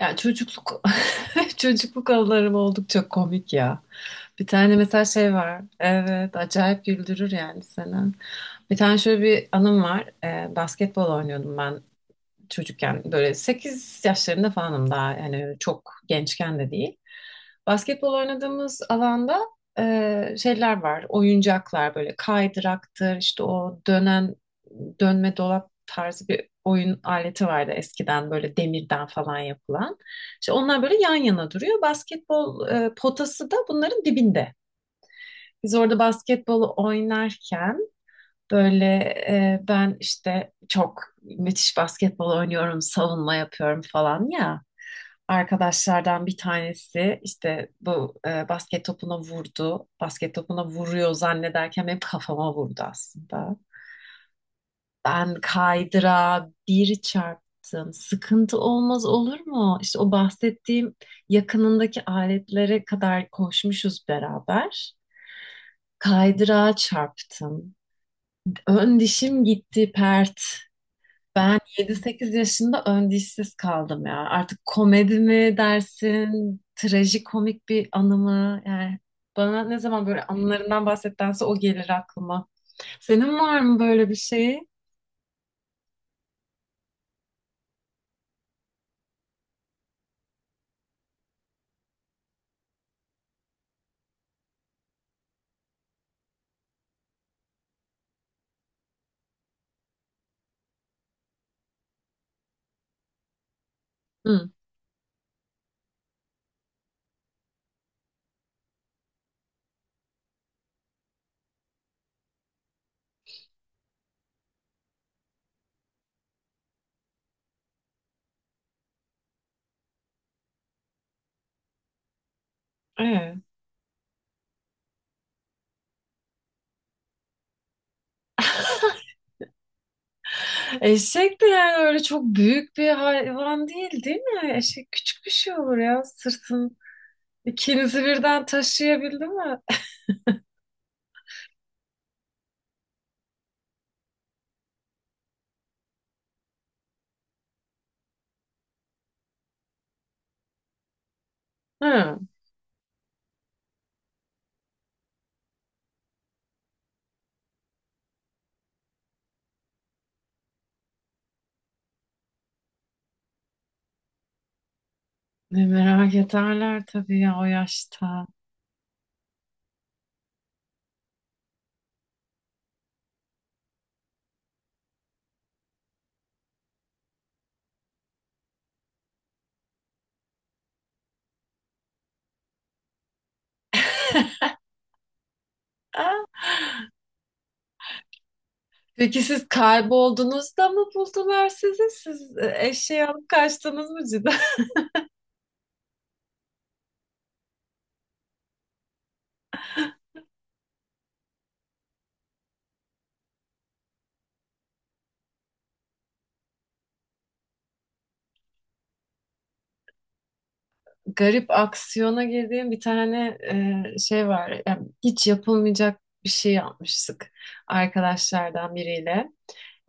Ya çocukluk anılarım oldukça komik ya. Bir tane mesela şey var. Evet, acayip güldürür yani seni. Bir tane şöyle bir anım var. Basketbol oynuyordum ben çocukken. Böyle 8 yaşlarında falanım daha. Yani çok gençken de değil. Basketbol oynadığımız alanda şeyler var. Oyuncaklar böyle kaydıraktır, işte o dönen dönme dolap tarzı bir oyun aleti vardı eskiden böyle demirden falan yapılan. İşte onlar böyle yan yana duruyor. Basketbol potası da bunların dibinde. Biz orada basketbolu oynarken böyle ben işte çok müthiş basketbol oynuyorum, savunma yapıyorum falan ya, arkadaşlardan bir tanesi işte bu basket topuna vurdu. Basket topuna vuruyor zannederken hep kafama vurdu aslında. Ben kaydıra bir çarptım. Sıkıntı olmaz olur mu? İşte o bahsettiğim yakınındaki aletlere kadar koşmuşuz beraber. Kaydıra çarptım. Ön dişim gitti pert. Ben 7 8 yaşında ön dişsiz kaldım ya. Artık komedi mi dersin, trajikomik bir anı mı? Yani bana ne zaman böyle anılarından bahsettense o gelir aklıma. Senin var mı böyle bir şey? Hı. Evet. Eşek de yani öyle çok büyük bir hayvan değil, değil mi? Eşek küçük bir şey olur ya. Sırtın ikinizi birden taşıyabildi mi? Hı. Ne merak ederler tabii ya o yaşta. Peki siz kaybolduğunuzda mı buldular sizi? Siz eşeği alıp kaçtınız mı cidden? Garip aksiyona girdiğim bir tane şey var. Yani hiç yapılmayacak bir şey yapmıştık arkadaşlardan biriyle.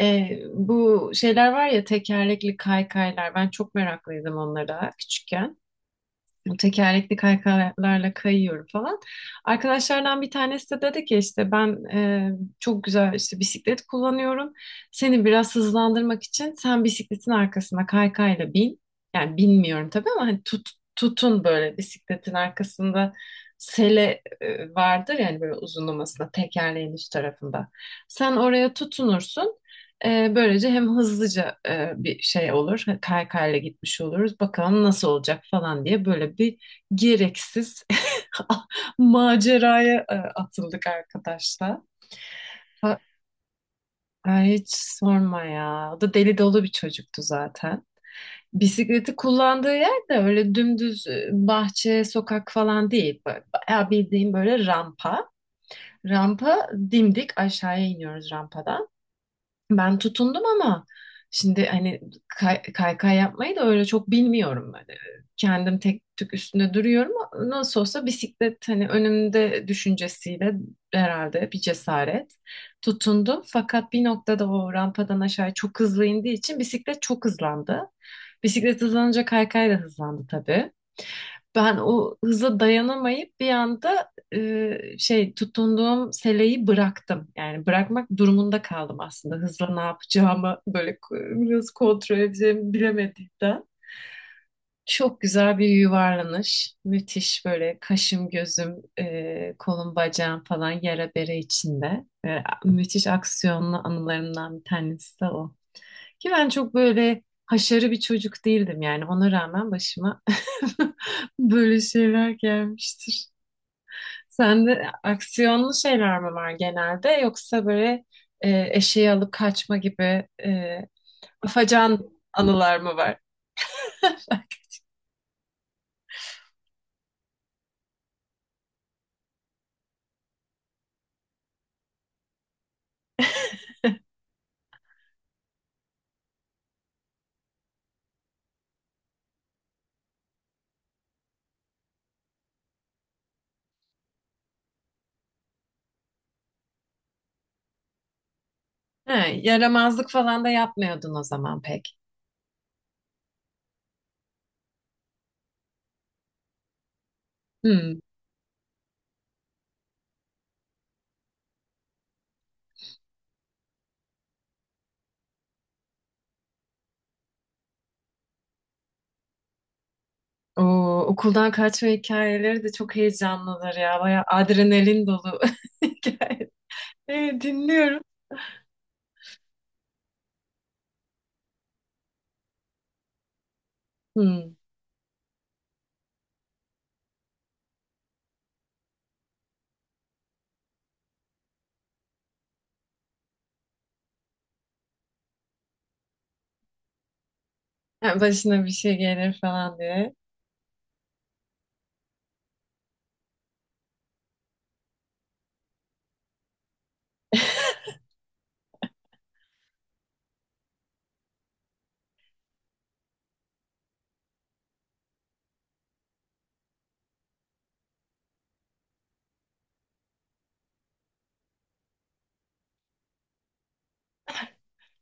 E, bu şeyler var ya, tekerlekli kaykaylar. Ben çok meraklıydım onlara küçükken. Bu tekerlekli kaykalarla kayıyorum falan. Arkadaşlardan bir tanesi de dedi ki işte ben çok güzel işte bisiklet kullanıyorum. Seni biraz hızlandırmak için sen bisikletin arkasına kaykayla bin. Yani bilmiyorum tabii ama hani tutun böyle bisikletin arkasında sele vardır yani, böyle uzunlamasına tekerleğin üst tarafında. Sen oraya tutunursun. Böylece hem hızlıca bir şey olur, kaykayla gitmiş oluruz. Bakalım nasıl olacak falan diye böyle bir gereksiz maceraya atıldık arkadaşlar. Ha- Ay, hiç sorma ya. O da deli dolu bir çocuktu zaten. Bisikleti kullandığı yer de öyle dümdüz bahçe, sokak falan değil. Bayağı bildiğim böyle rampa. Rampa dimdik aşağıya iniyoruz rampadan. Ben tutundum ama, şimdi hani kaykay yapmayı da öyle çok bilmiyorum. Hani kendim tek tük üstünde duruyorum. Nasıl olsa bisiklet hani önümde düşüncesiyle herhalde bir cesaret tutundum. Fakat bir noktada o rampadan aşağı çok hızlı indiği için bisiklet çok hızlandı. Bisiklet hızlanınca kaykay da hızlandı tabii. Ben o hıza dayanamayıp bir anda tutunduğum seleyi bıraktım. Yani bırakmak durumunda kaldım aslında. Hızla ne yapacağımı böyle nasıl kontrol edeceğimi bilemediğimden. Çok güzel bir yuvarlanış. Müthiş böyle kaşım gözüm kolum bacağım falan yara bere içinde. E, müthiş aksiyonlu anılarımdan bir tanesi de o. Ki ben çok böyle haşarı bir çocuk değildim, yani ona rağmen başıma böyle şeyler gelmiştir. Sende aksiyonlu şeyler mi var genelde, yoksa böyle eşeği alıp kaçma gibi afacan anılar mı var? Ha, yaramazlık falan da yapmıyordun o zaman pek. Hmm. Oo, okuldan kaçma hikayeleri de çok heyecanlıdır ya. Bayağı adrenalin dolu hikaye. Evet, dinliyorum. Hmm. Yani başına bir şey gelir falan diye.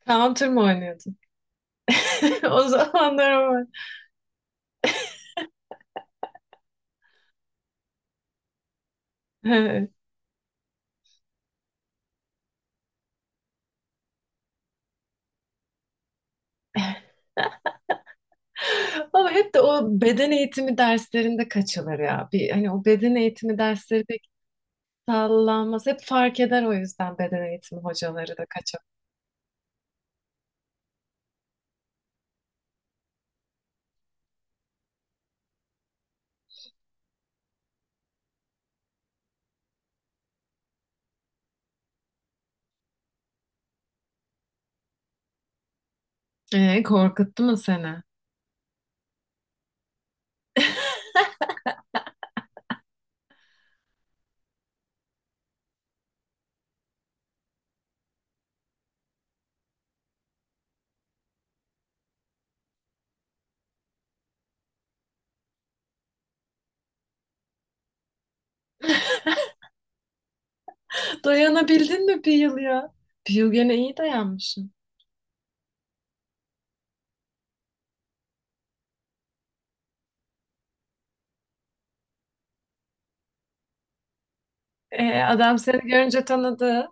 Counter mı oynuyordun? O zamanlar ama. Evet. Ama hep de o beden eğitimi derslerinde kaçılır ya. Bir, hani o beden eğitimi dersleri pek sağlanmaz. Hep fark eder, o yüzden beden eğitimi hocaları da kaçar. Korkuttu mu seni? Dayanabildin mi bir yıl ya? Bir yıl gene iyi dayanmışsın. Adam seni görünce tanıdı.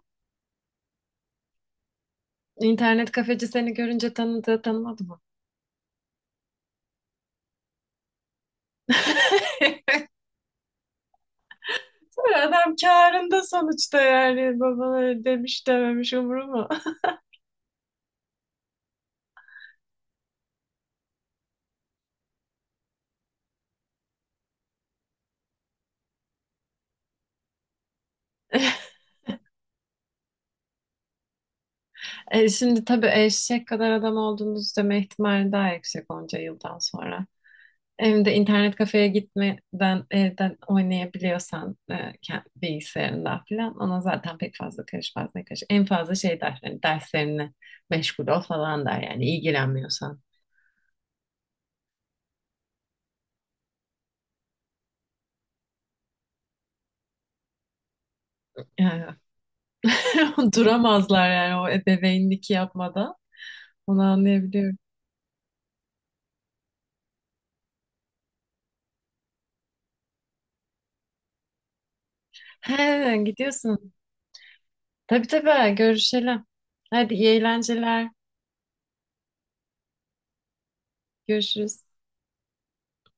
İnternet kafeci seni görünce tanıdı. Tanımadı mı? Adam kârında sonuçta, yani babaları demiş dememiş umuruma. Şimdi tabii eşek kadar adam olduğumuzu deme ihtimali daha yüksek onca yıldan sonra. Hem de internet kafeye gitmeden evden oynayabiliyorsan bilgisayarından falan ona zaten pek fazla karışmaz ne karış. En fazla şey der, hani derslerine meşgul ol falan der yani ilgilenmiyorsan. E, Duramazlar yani o ebeveynlik yapmadan. Onu anlayabiliyorum. He, gidiyorsun. Tabii tabii, görüşelim. Hadi iyi eğlenceler. Görüşürüz.